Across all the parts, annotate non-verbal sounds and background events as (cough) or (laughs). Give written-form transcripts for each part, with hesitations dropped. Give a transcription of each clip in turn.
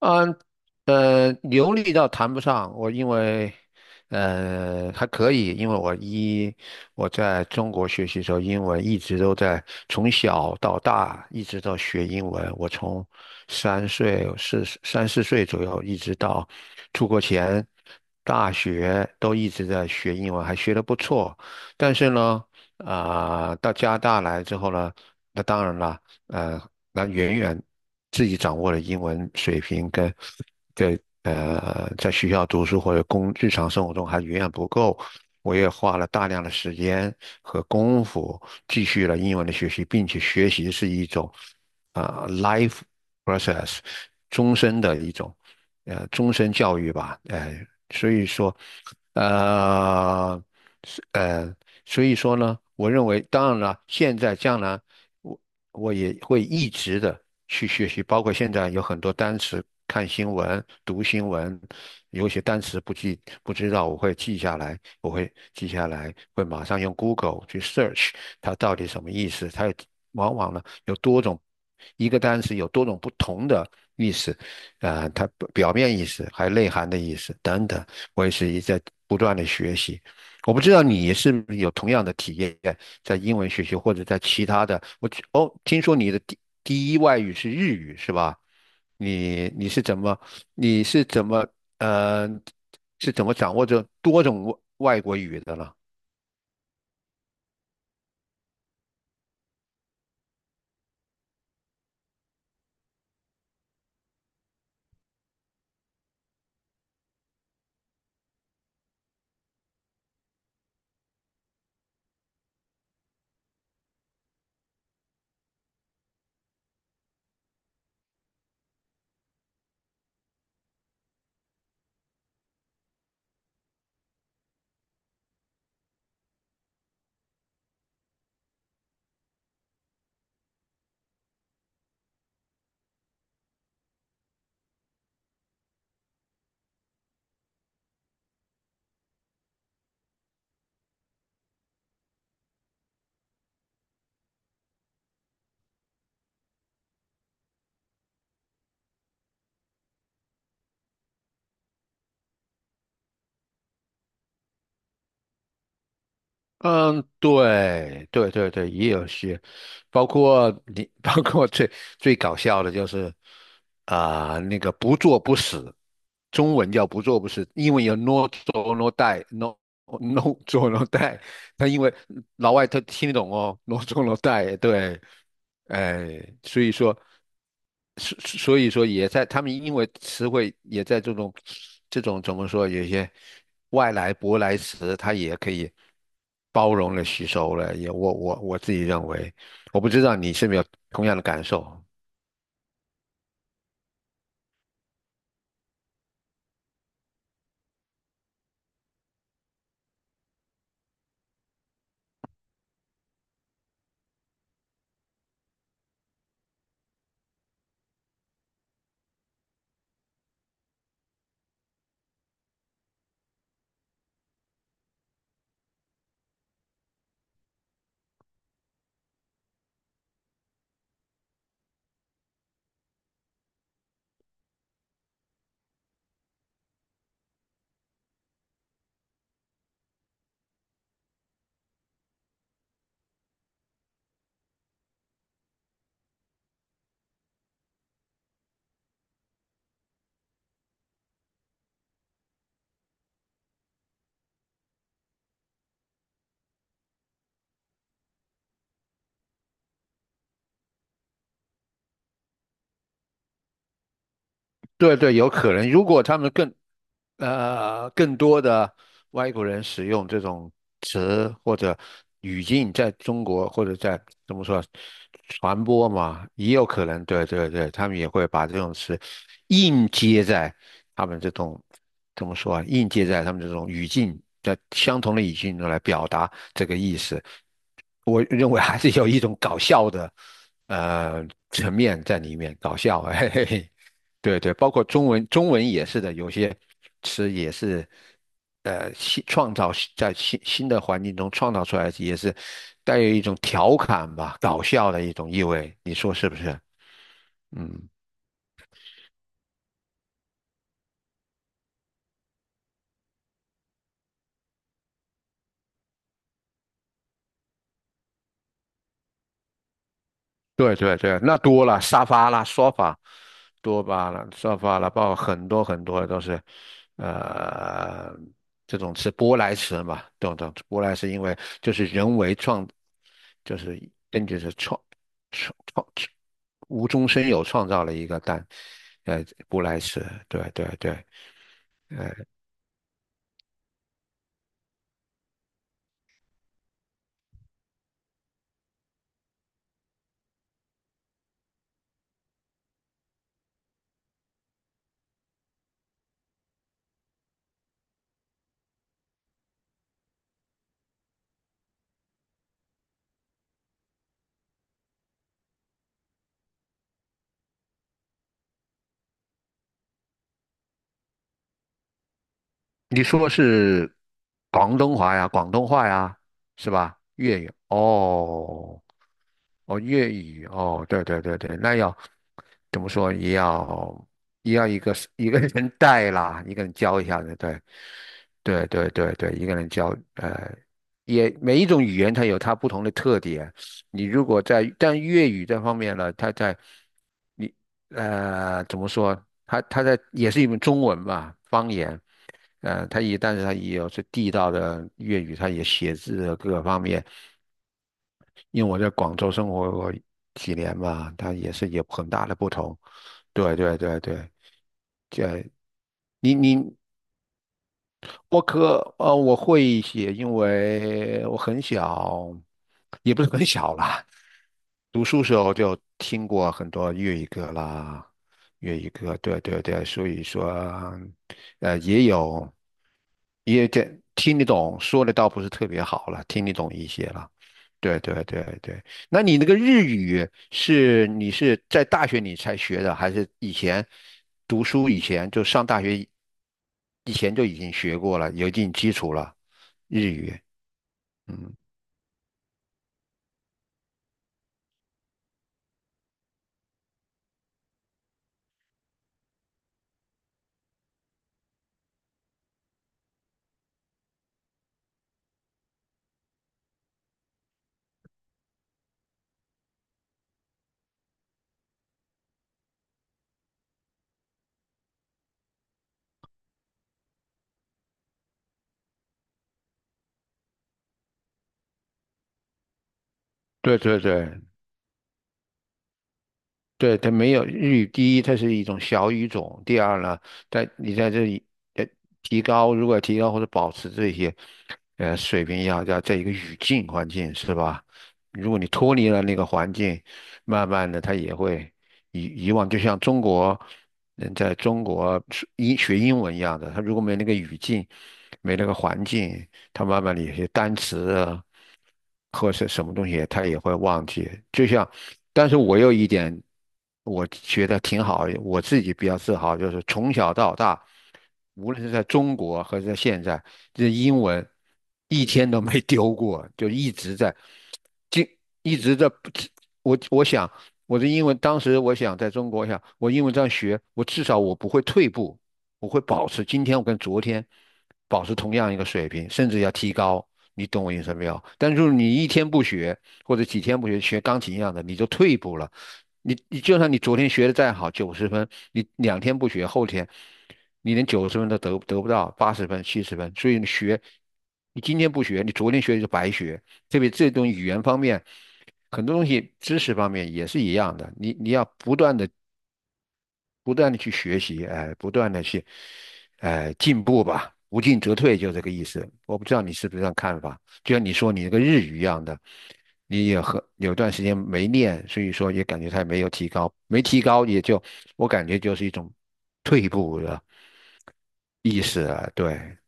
嗯，流利倒谈不上，我因为，还可以，因为我在中国学习的时候，英文一直都在，从小到大一直到学英文，我从3岁3、4岁左右一直到出国前大学都一直在学英文，还学得不错。但是呢，到加拿大来之后呢，那当然了。呃，那远远，自己掌握的英文水平跟在学校读书或者日常生活中还远远不够。我也花了大量的时间和功夫继续了英文的学习，并且学习是一种life process， 终身的一种终身教育吧，哎、所以说呃是呃所以说呢，我认为当然了，现在将来。我。我也会一直的去学习，包括现在有很多单词，看新闻、读新闻，有一些单词不知道，我会记下来，会马上用 Google 去 search 它到底什么意思。往往呢有多种，一个单词有多种不同的意思，它表面意思还有内涵的意思等等，我也是一直在不断的学习。我不知道你是不是有同样的体验，在英文学习或者在其他的。我去哦，听说你的第一外语是日语是吧？你你是怎么你是怎么呃掌握着多种外国语的呢？嗯，对对对对，也有些，包括你，(laughs) 包括最搞笑的就是啊、那个不作不死，中文叫不作不死，英文有 no do no die，no (laughs) do no die，他因为老外他听得懂哦，no do no die，对，哎，所以说，所以说也在他们因为词汇也在这种，这种怎么说，有些外来舶来词，它也可以包容了、吸收了。也我自己认为，我不知道你是没有同样的感受。对对，有可能。如果他们更，更多的外国人使用这种词或者语境，在中国或者在怎么说传播嘛，也有可能，对对对，他们也会把这种词硬接在他们这种怎么说啊，硬接在他们这种语境，在相同的语境中来表达这个意思。我认为还是有一种搞笑的层面在里面，搞笑，嘿嘿嘿。对对，包括中文，中文也是的，有些词也是，新创造，在新的环境中创造出来，也是带有一种调侃吧、搞笑的一种意味，你说是不是？嗯，对对对，那多了，沙发啦、说法、多巴啦、沙发啦，包括很多很多都是，呃，这种词舶来词嘛，等等，舶来是因为就是人为创，就是根据是创。无中生有创造了一个蛋，呃，布莱斯，对对对，你说是广东话呀，广东话呀，是吧？粤语哦，哦，粤语哦，对对对对，那要怎么说？也要一个一个人带啦，一个人教一下子，对，对对对对，一个人教，也每一种语言它有它不同的特点。你如果在但粤语这方面呢，它在你怎么说？它在也是一门中文嘛，方言。但是他也有是地道的粤语，他也写字啊各个方面。因为我在广州生活过几年嘛，他也是有很大的不同。对对对对，这你你我会一些，因为我很小，也不是很小啦，读书时候就听过很多粤语歌啦，粤语歌，对对对，所以说，呃，也有，也这听得懂，说的倒不是特别好了，听得懂一些了。对对对对，那你那个日语是在大学里才学的，还是以前读书以前就上大学以前就已经学过了，有一定基础了，日语。嗯，对对对，对，它没有第一，它是一种小语种；第二呢，在你在这里呃提高，如果提高或者保持这些水平要在一个语境环境是吧？如果你脱离了那个环境，慢慢的它也会以往就像中国人在中国是学英文一样的，他如果没那个语境，没那个环境，他慢慢的有些单词啊或是什么东西，他也会忘记。就像，但是我有一点，我觉得挺好，我自己比较自豪，就是从小到大，无论是在中国还是在现在，这英文一天都没丢过，就一直在。想我的英文，当时我想在中国，我想我英文这样学，我至少我不会退步。我会保持今天我跟昨天保持同样一个水平，甚至要提高。你懂我意思没有？但是你一天不学，或者几天不学，学钢琴一样的，你就退步了。就算你昨天学的再好，九十分，你2天不学，后天你连九十分都得不到，80分、70分。所以你学，你今天不学，你昨天学就白学。特别这种语言方面，很多东西知识方面也是一样的，要不断的不断的去学习，哎，不断的去，哎，进步吧，不进则退，就这个意思。我不知道你是不是这样看法，就像你说你那个日语一样的，你也和有段时间没练，所以说也感觉它没有提高，没提高也就我感觉就是一种退步的意思了，对。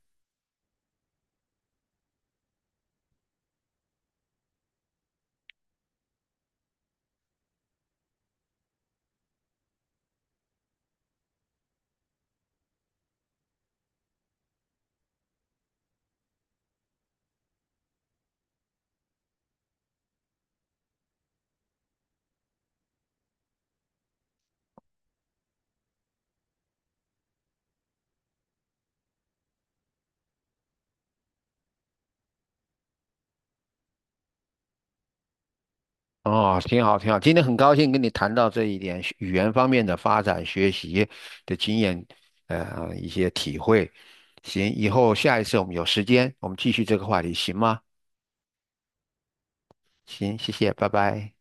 哦，挺好，挺好。今天很高兴跟你谈到这一点学语言方面的发展、学习的经验，一些体会。行，以后下一次我们有时间，我们继续这个话题，行吗？行，谢谢，拜拜。